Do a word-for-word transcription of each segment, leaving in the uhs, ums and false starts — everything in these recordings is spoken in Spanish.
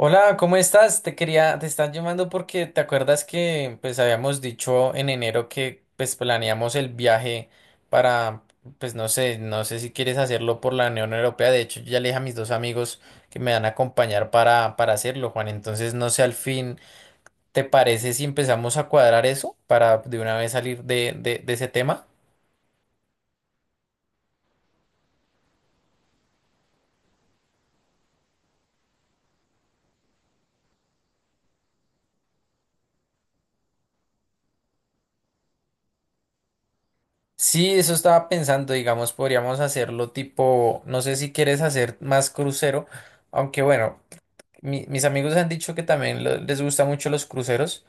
Hola, ¿cómo estás? Te quería, te están llamando porque te acuerdas que pues habíamos dicho en enero que pues planeamos el viaje para, pues no sé, no sé si quieres hacerlo por la Unión Europea. De hecho, yo ya le dije a mis dos amigos que me van a acompañar para, para hacerlo, Juan. Entonces, no sé, al fin, ¿te parece si empezamos a cuadrar eso para de una vez salir de, de, de ese tema? Sí, eso estaba pensando, digamos, podríamos hacerlo tipo, no sé si quieres hacer más crucero, aunque bueno. mi- mis amigos han dicho que también lo- les gustan mucho los cruceros,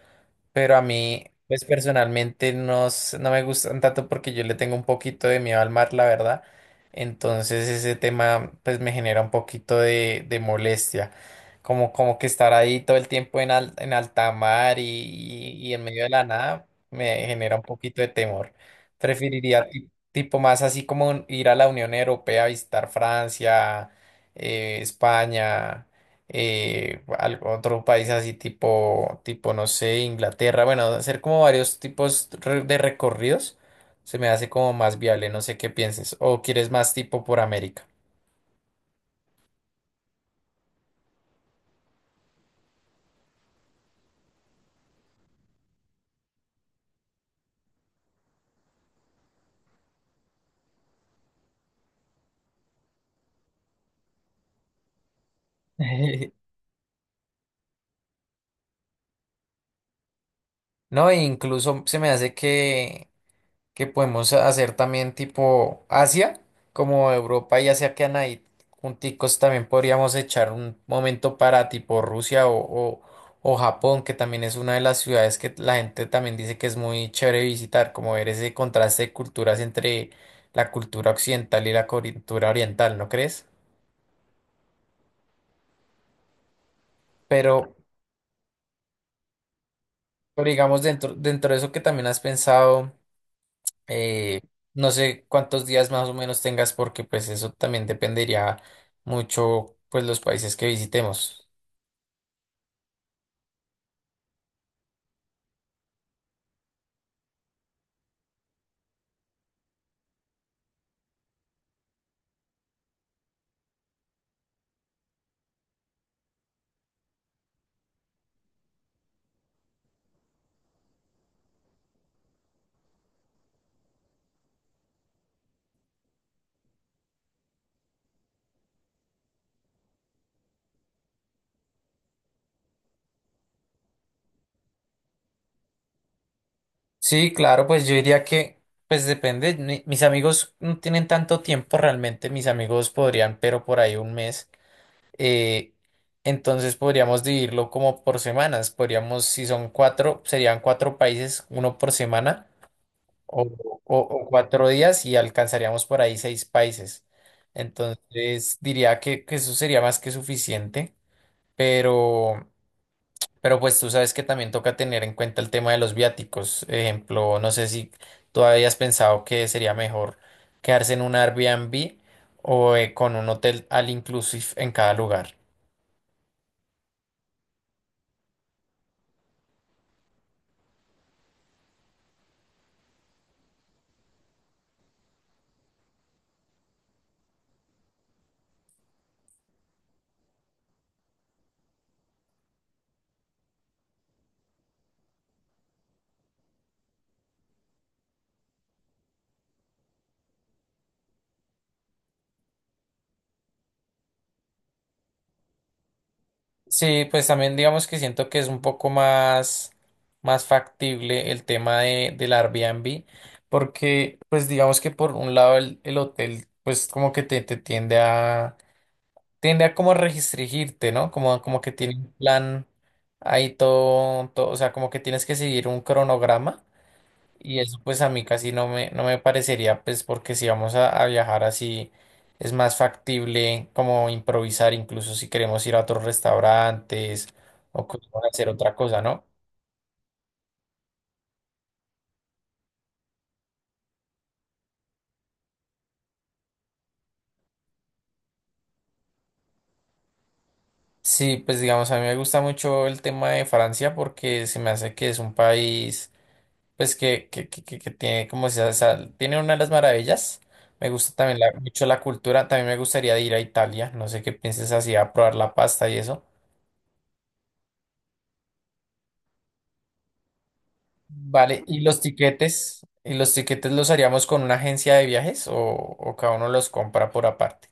pero a mí, pues personalmente no, s- no me gustan tanto porque yo le tengo un poquito de miedo al mar, la verdad. Entonces ese tema pues me genera un poquito de, de molestia. Como, como que estar ahí todo el tiempo en, al- en alta mar y, y- y en medio de la nada me genera un poquito de temor. Preferiría ti- tipo más así como ir a la Unión Europea, visitar Francia, eh, España, eh, al- otro país así tipo, tipo, no sé, Inglaterra. Bueno, hacer como varios tipos re- de recorridos se me hace como más viable, no sé qué pienses. O quieres más tipo por América. No, e incluso se me hace que que podemos hacer también tipo Asia, como Europa y Asia que ahí junticos también podríamos echar un momento para tipo Rusia o, o, o Japón, que también es una de las ciudades que la gente también dice que es muy chévere visitar, como ver ese contraste de culturas entre la cultura occidental y la cultura oriental, ¿no crees? Pero, pero digamos dentro, dentro de eso que también has pensado. Eh, no sé cuántos días más o menos tengas porque pues eso también dependería mucho pues los países que visitemos. Sí, claro, pues yo diría que pues depende. Mi- Mis amigos no tienen tanto tiempo realmente. Mis amigos podrían, pero por ahí un mes. Eh, entonces podríamos dividirlo como por semanas. Podríamos, si son cuatro, serían cuatro países, uno por semana. o, o- o cuatro días y alcanzaríamos por ahí seis países. Entonces diría que, que eso sería más que suficiente, pero, pero pues tú sabes que también toca tener en cuenta el tema de los viáticos. Ejemplo, no sé si tú habías pensado que sería mejor quedarse en un Airbnb o eh, con un hotel al inclusive en cada lugar. Sí, pues también digamos que siento que es un poco más, más factible el tema de, del Airbnb, porque pues digamos que por un lado el, el hotel pues como que te, te tiende a, tiende a como restringirte, ¿no? Como, como que tiene un plan ahí todo, todo, o sea, como que tienes que seguir un cronograma. Y eso pues a mí casi no me, no me parecería, pues porque si vamos a, a viajar así, es más factible como improvisar, incluso si queremos ir a otros restaurantes o queremos hacer otra cosa, ¿no? Sí, pues digamos, a mí me gusta mucho el tema de Francia porque se me hace que es un país, pues que, que, que, que- que tiene como esa, esa- tiene una de las maravillas. Me gusta también la- mucho la cultura, también me gustaría ir a Italia, no sé qué pienses así, a probar la pasta y eso. Vale, ¿y los tiquetes? ¿Y los tiquetes los haríamos con una agencia de viajes o, o cada uno los compra por aparte?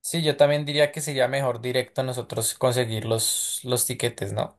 Sí, yo también diría que sería mejor directo nosotros conseguir los, los tiquetes, ¿no?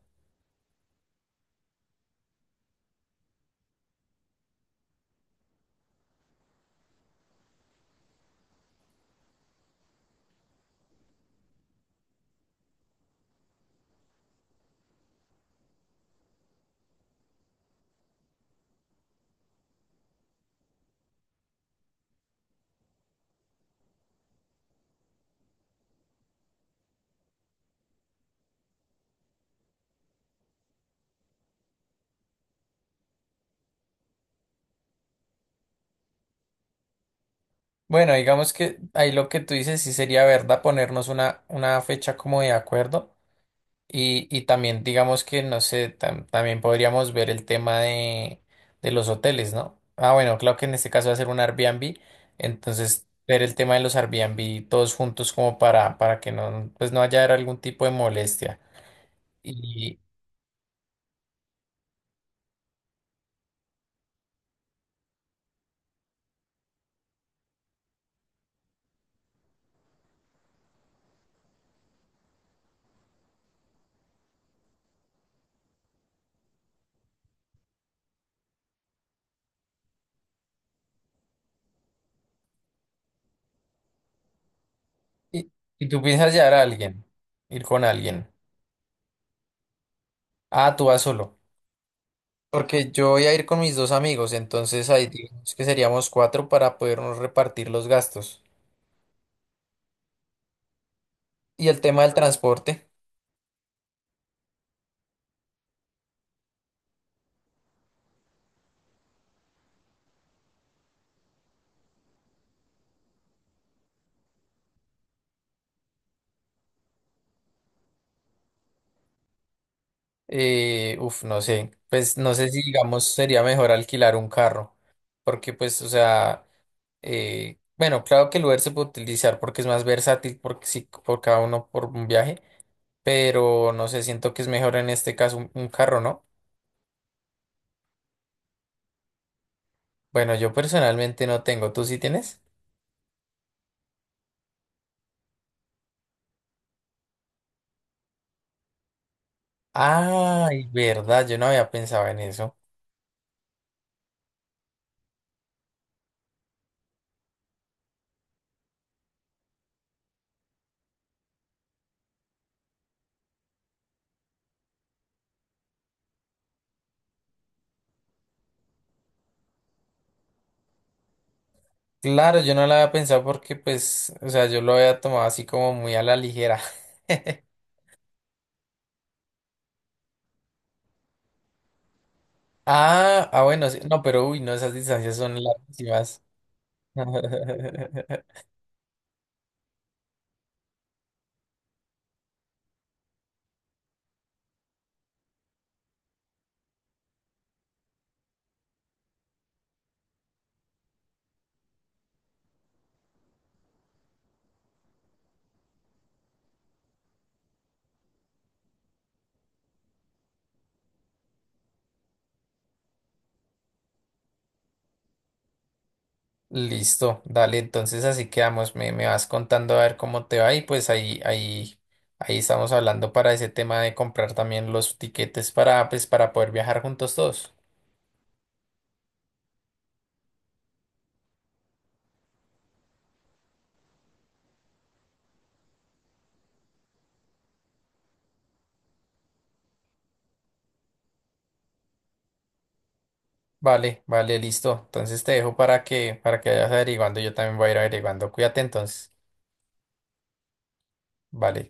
Bueno, digamos que ahí lo que tú dices sí sería verdad ponernos una, una fecha como de acuerdo. Y, y también, digamos que, no sé, tam- también podríamos ver el tema de, de los hoteles, ¿no? Ah, bueno, claro que en este caso va a ser un Airbnb, entonces ver el tema de los Airbnb todos juntos como para, para que no, pues no haya algún tipo de molestia. Y, y, y tú piensas llevar a alguien, ir con alguien. Ah, tú vas solo. Porque yo voy a ir con mis dos amigos, entonces ahí digamos que seríamos cuatro para podernos repartir los gastos. Y el tema del transporte. Eh, uf, no sé, pues no sé si digamos sería mejor alquilar un carro, porque pues, o sea, eh, bueno, claro que el Uber se puede utilizar porque es más versátil porque sí, por cada uno por un viaje, pero no sé, siento que es mejor en este caso un, un carro, ¿no? Bueno, yo personalmente no tengo, ¿tú sí tienes? Ay, verdad, yo no había pensado en eso. Claro, yo no lo había pensado porque pues, o sea, yo lo había tomado así como muy a la ligera. Ah, ah, bueno, sí. No, pero uy, no, esas distancias son larguísimas. Listo, dale, entonces así quedamos. Me, me vas contando a ver cómo te va y pues ahí, ahí, ahí estamos hablando para ese tema de comprar también los tiquetes para, pues, para poder viajar juntos todos. Vale, vale, listo. Entonces te dejo para que, para que vayas averiguando. Yo también voy a ir averiguando. Cuídate entonces. Vale.